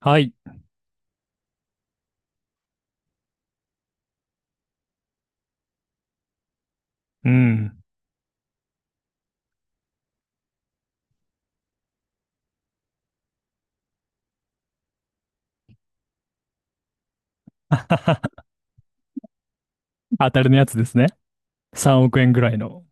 はい。うん。当たりのやつですね。3億円ぐらいの。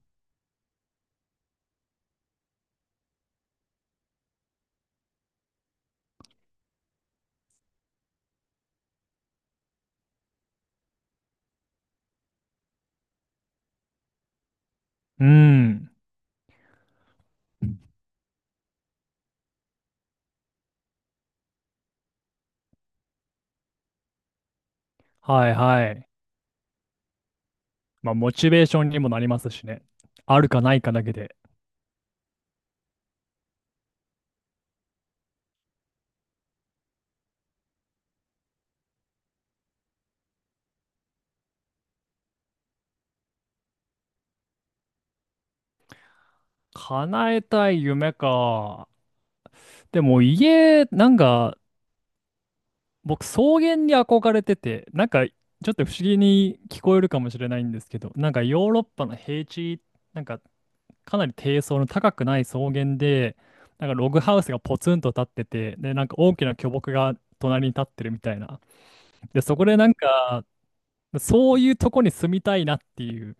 うん。はいはい。まあ、モチベーションにもなりますしね。あるかないかだけで。叶えたい夢か。でも家、なんか、僕、草原に憧れてて、なんか、ちょっと不思議に聞こえるかもしれないんですけど、なんかヨーロッパの平地、なんか、かなり低層の高くない草原で、なんかログハウスがポツンと立ってて、で、なんか大きな巨木が隣に立ってるみたいな。で、そこでなんか、そういうとこに住みたいなっていう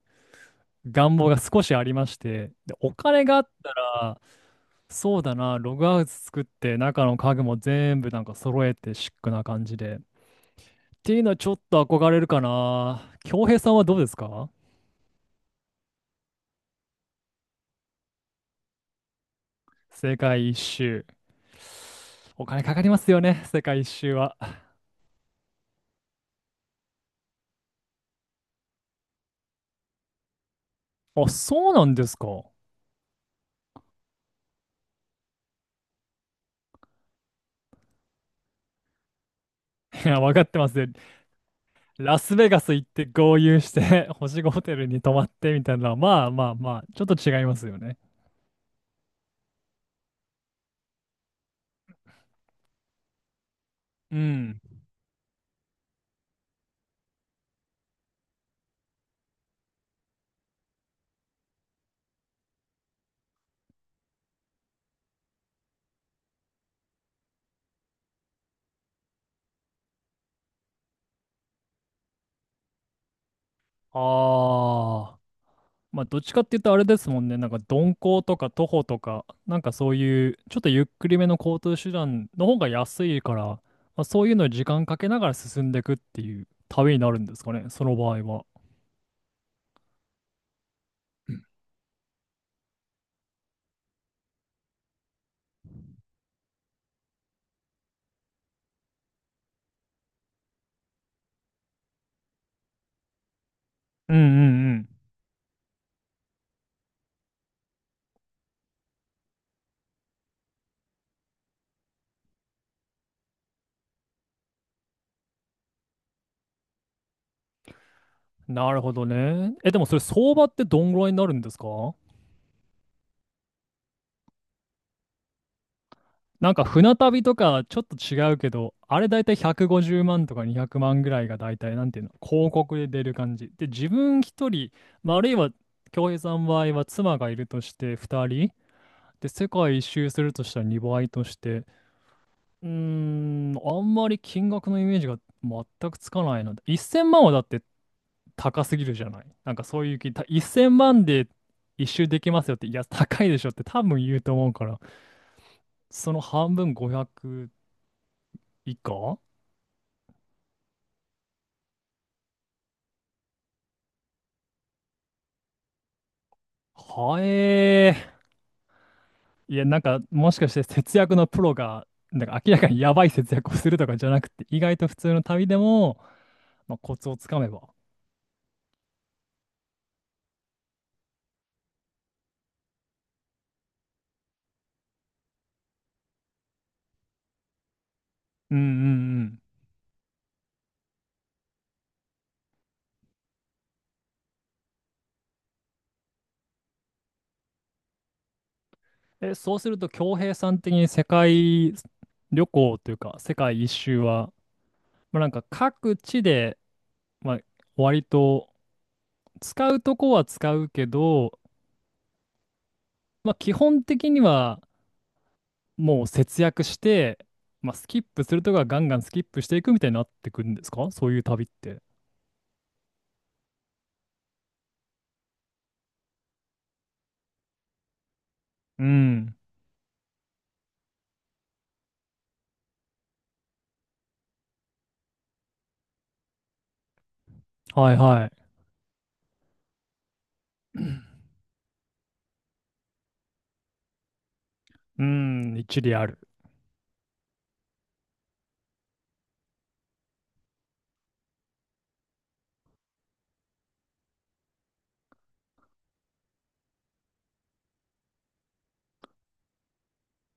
願望が少しありまして、で、お金があったら、そうだな、ログハウス作って、中の家具も全部なんか揃えてシックな感じで。っていうのはちょっと憧れるかな。恭平さんはどうですか？世界一周。お金かかりますよね、世界一周は。あ、そうなんですか？いや、わかってますよ。ラスベガス行って豪遊して 星5ホテルに泊まってみたいなのは、まあまあまあ、ちょっと違いますよね。うん。ああ。まあ、どっちかって言うとあれですもんね。なんか鈍行とか徒歩とか、なんかそういう、ちょっとゆっくりめの交通手段の方が安いから、まあ、そういうのに時間かけながら進んでいくっていう旅になるんですかね、その場合は。うんうんうん。なるほどね。え、でもそれ相場ってどんぐらいになるんですか？なんか船旅とかちょっと違うけど、あれだいたい150万とか200万ぐらいがだいたいなんていうの、広告で出る感じ。で、自分一人、まあ、あるいは恭平さんの場合は妻がいるとして2人、で、世界一周するとしたら2倍として、うーん、あんまり金額のイメージが全くつかないので、1000万はだって高すぎるじゃない。なんかそういう気、1000万で一周できますよって、いや、高いでしょって多分言うと思うから、その半分500以下はえー。いや、なんか、もしかして節約のプロが、なんか明らかにやばい節約をするとかじゃなくて、意外と普通の旅でも、まあ、コツをつかめば。うんうんうん。え、そうすると、恭平さん的に世界旅行というか、世界一周は、まあ、なんか各地で、まあ、割と使うとこは使うけど、まあ、基本的にはもう節約して、まあ、スキップするとこはガンガンスキップしていくみたいになってくるんですか？そういう旅って。うん。はいはい。うん、一理ある。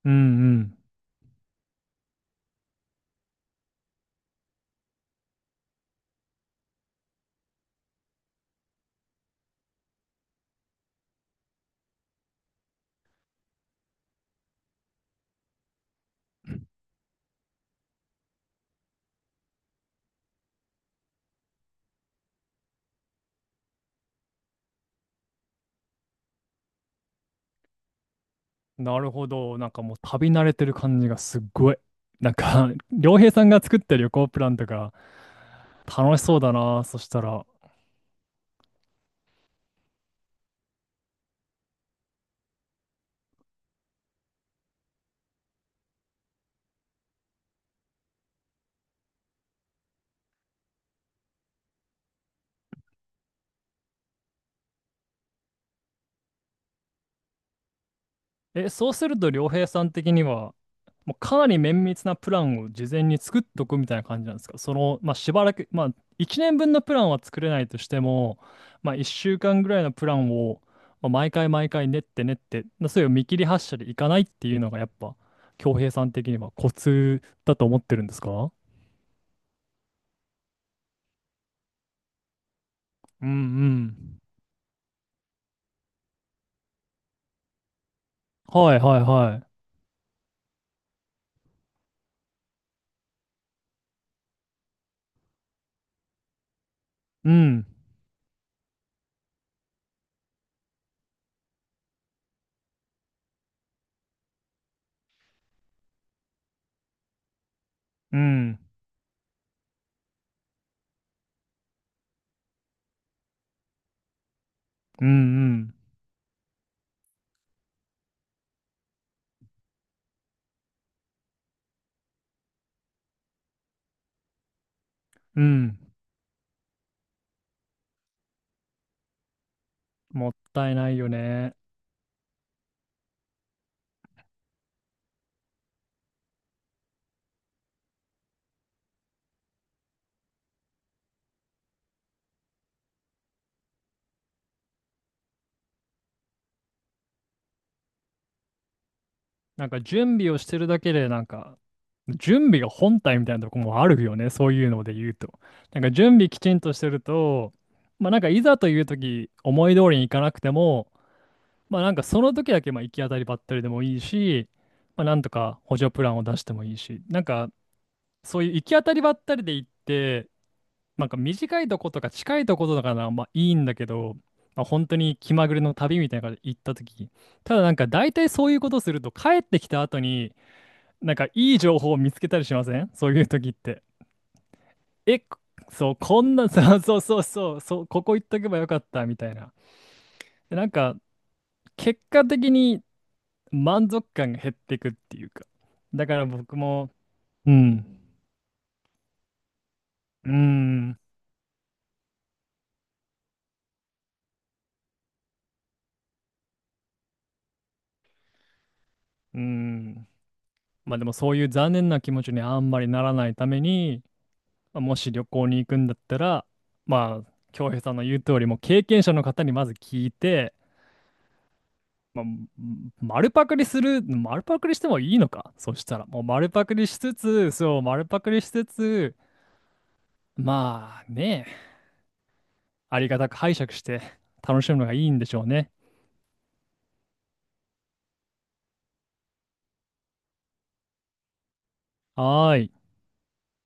うんうん。なるほど。なんかもう旅慣れてる感じがすっごい。なんか、良平さんが作った旅行プランとか楽しそうだな。そしたら。え、そうすると良平さん的には、もうかなり綿密なプランを事前に作っとくみたいな感じなんですか？その、まあ、しばらく、まあ、1年分のプランは作れないとしても、まあ、1週間ぐらいのプランを、まあ、毎回毎回練って練って、まあそういう見切り発車でいかないっていうのがやっぱ、恭平さん的にはコツだと思ってるんですか？うんうん。はいはいはい。うん、うん、うん、うん、うん。もったいないよね。なんか準備をしてるだけでなんか準備が本体みたいなとこもあるよね、そういうので言うと。なんか準備きちんとしてると、まあなんかいざという時思い通りにいかなくても、まあなんかその時だけまあ行き当たりばったりでもいいし、まあなんとか補助プランを出してもいいし、なんかそういう行き当たりばったりで行って、なんか短いとことか近いとことかならまあいいんだけど、まあ、本当に気まぐれの旅みたいなので行った時、ただなんか大体そういうことすると帰ってきた後に、なんかいい情報を見つけたりしませんそういう時って？え、そう、こんな、そうそうそうそう、そうここ行っとけばよかったみたいな。でなんか結果的に満足感が減っていくっていうか。だから僕も、うん、うん、うん。まあでもそういう残念な気持ちにあんまりならないために、まあもし旅行に行くんだったら、まあ、京平さんの言う通り、もう経験者の方にまず聞いて、まあ、丸パクリする、丸パクリしてもいいのか、そしたら、もう丸パクリしつつ、そう、丸パクリしつつ、まあね、ありがたく拝借して楽しむのがいいんでしょうね。はーい。